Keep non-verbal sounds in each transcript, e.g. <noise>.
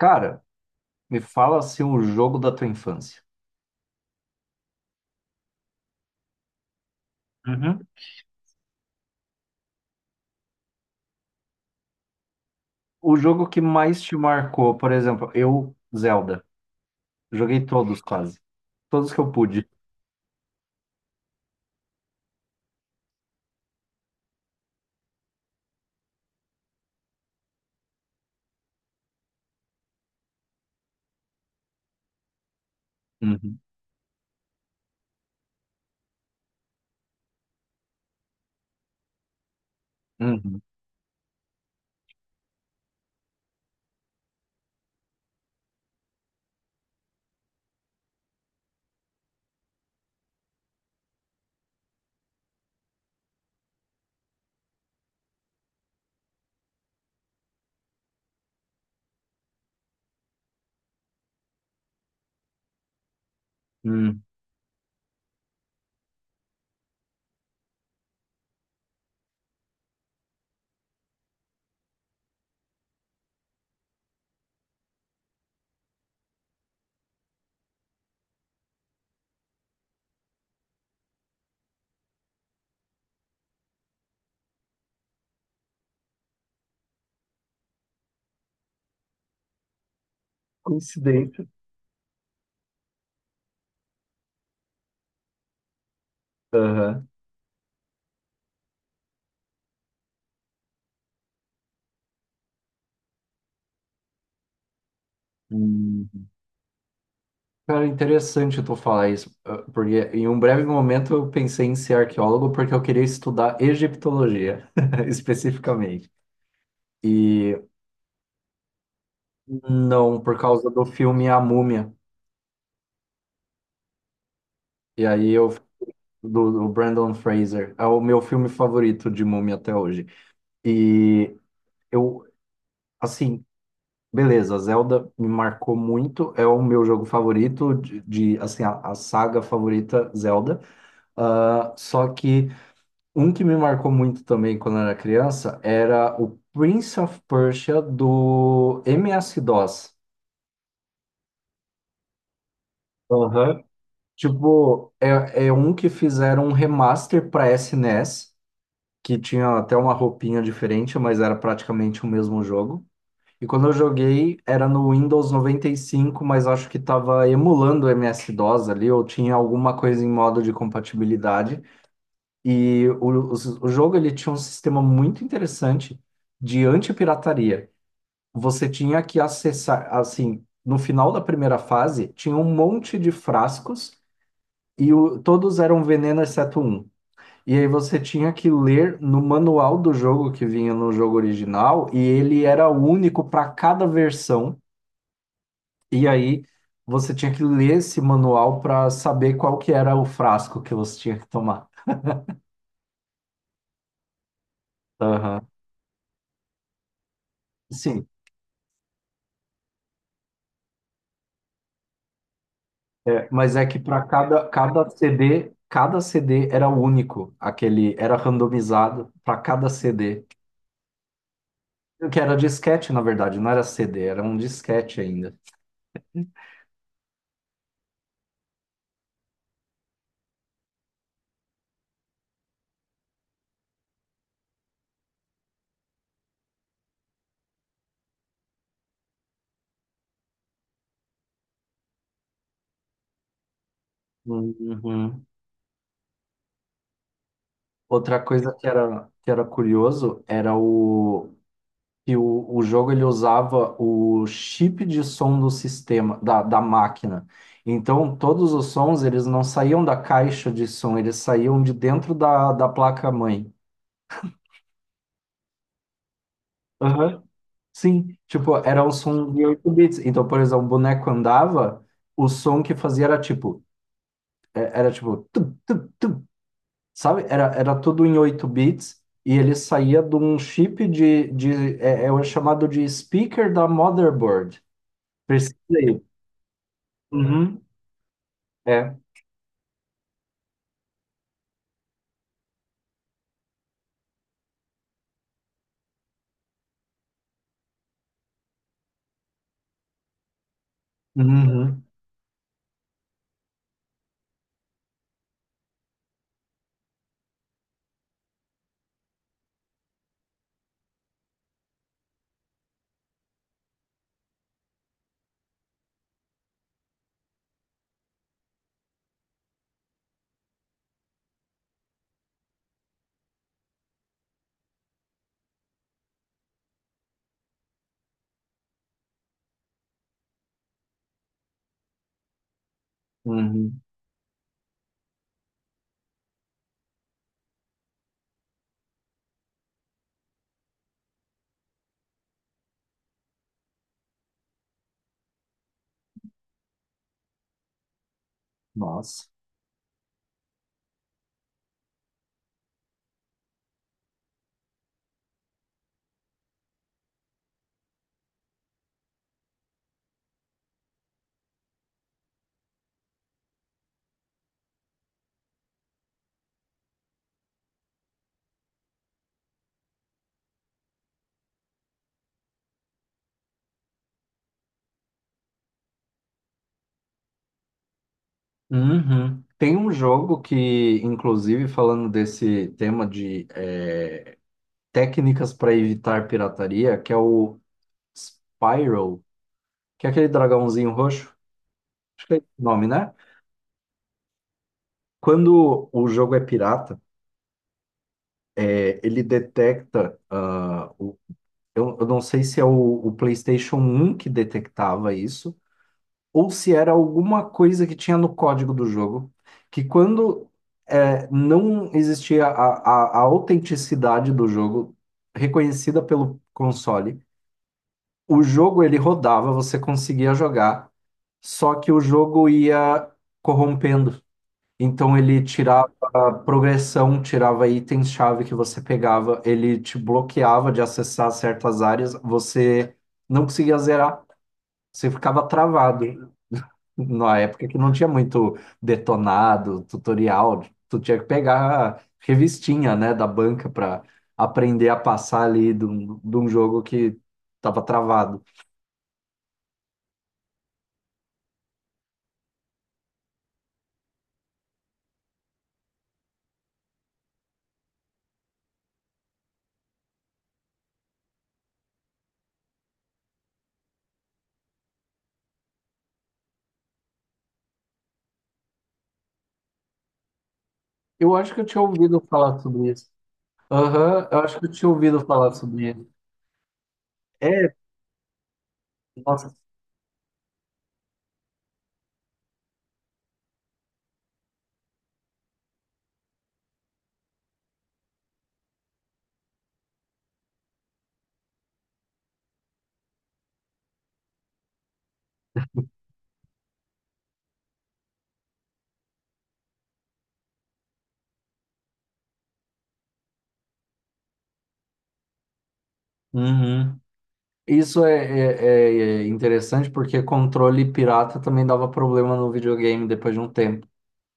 Cara, me fala assim o jogo da tua infância. Uhum. O jogo que mais te marcou, por exemplo, eu, Zelda. Joguei todos quase. Todos que eu pude. Uhum. Uhum. Uhum. Coincidência. Aham. Uhum. Cara, interessante tu falar isso, ah, porque em um breve momento eu pensei em ser arqueólogo porque eu queria estudar egiptologia, <laughs> especificamente. E não, por causa do filme A Múmia. E aí eu do Brandon Fraser. É o meu filme favorito de Múmia até hoje. E eu, assim, beleza, Zelda me marcou muito, é o meu jogo favorito de, assim, a saga favorita Zelda. Ah, só que um que me marcou muito também quando eu era criança era o Prince of Persia do MS-DOS. Aham. Tipo, é um que fizeram um remaster para SNES, que tinha até uma roupinha diferente, mas era praticamente o mesmo jogo. E quando eu joguei, era no Windows 95, mas acho que estava emulando o MS-DOS ali, ou tinha alguma coisa em modo de compatibilidade. E o jogo ele tinha um sistema muito interessante de antipirataria. Você tinha que acessar, assim, no final da primeira fase, tinha um monte de frascos e todos eram veneno exceto um. E aí você tinha que ler no manual do jogo que vinha no jogo original, e ele era único para cada versão. E aí você tinha que ler esse manual para saber qual que era o frasco que você tinha que tomar. Aham. Sim, é, mas é que para cada CD, cada CD era único, aquele era randomizado para cada CD. Que era disquete, na verdade, não era CD, era um disquete ainda. Uhum. Outra coisa que era curioso era o que o jogo ele usava o chip de som do sistema, da máquina. Então, todos os sons eles não saíam da caixa de som, eles saíam de dentro da placa-mãe. Aham. Sim, tipo, era um som de 8 bits. Então, por exemplo, o boneco andava, o som que fazia era tipo, era tipo, sabe? Era, era tudo em 8 bits e ele saía de um chip de é o chamado de speaker da motherboard. Precisa aí. Uhum. É. Uhum. Uhum. Nossa. Uhum. Tem um jogo que, inclusive, falando desse tema de técnicas para evitar pirataria, que é o Spyro, que é aquele dragãozinho roxo. Acho que é esse o nome, né? Quando o jogo é pirata, ele detecta. Eu não sei se é o PlayStation 1 que detectava isso, ou se era alguma coisa que tinha no código do jogo, que quando não existia a autenticidade do jogo reconhecida pelo console, o jogo ele rodava, você conseguia jogar, só que o jogo ia corrompendo. Então ele tirava a progressão, tirava itens-chave que você pegava, ele te bloqueava de acessar certas áreas, você não conseguia zerar, você ficava travado. <laughs> Na época que não tinha muito detonado, tutorial, tu tinha que pegar a revistinha, né, da banca para aprender a passar ali de um jogo que estava travado. Eu acho que eu tinha ouvido falar sobre isso. Aham, eu acho que eu tinha ouvido falar sobre isso. É, nossa. Uhum. Isso é interessante porque controle pirata também dava problema no videogame depois de um tempo.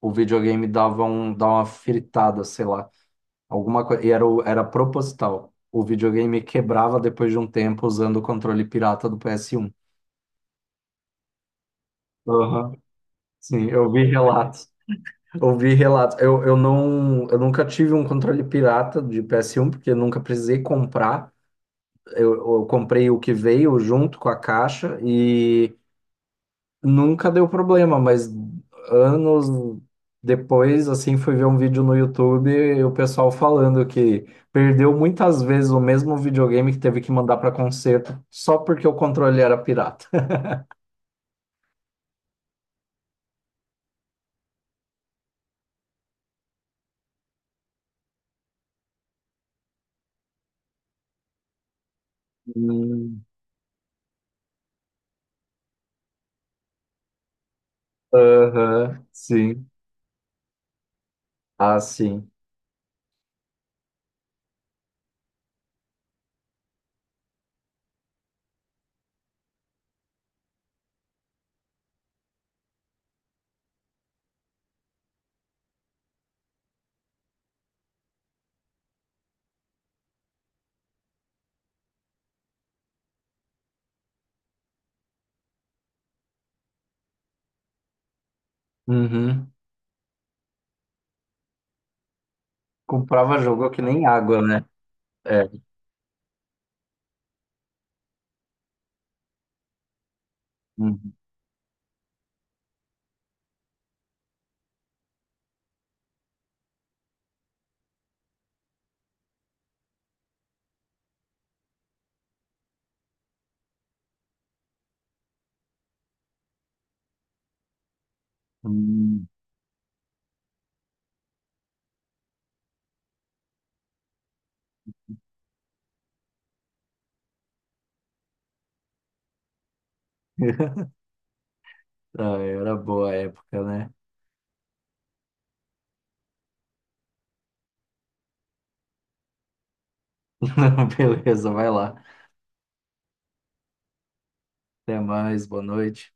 O videogame dava uma fritada, sei lá, alguma coisa. E era, era proposital. O videogame quebrava depois de um tempo usando o controle pirata do PS1. Aham. Sim, eu vi relatos. Eu vi relatos. Eu nunca tive um controle pirata de PS1, porque eu nunca precisei comprar. Eu, eu comprei o que veio junto com a caixa e nunca deu problema, mas anos depois, assim, fui ver um vídeo no YouTube e o pessoal falando que perdeu muitas vezes o mesmo videogame que teve que mandar para conserto só porque o controle era pirata. <laughs> Hum. Aham, sim. Ah, sim. Uhum. Comprava jogo que nem água, né? É. Uhum. Hum. <laughs> Ah, era boa a época, né? <laughs> Beleza, vai lá. Até mais, boa noite.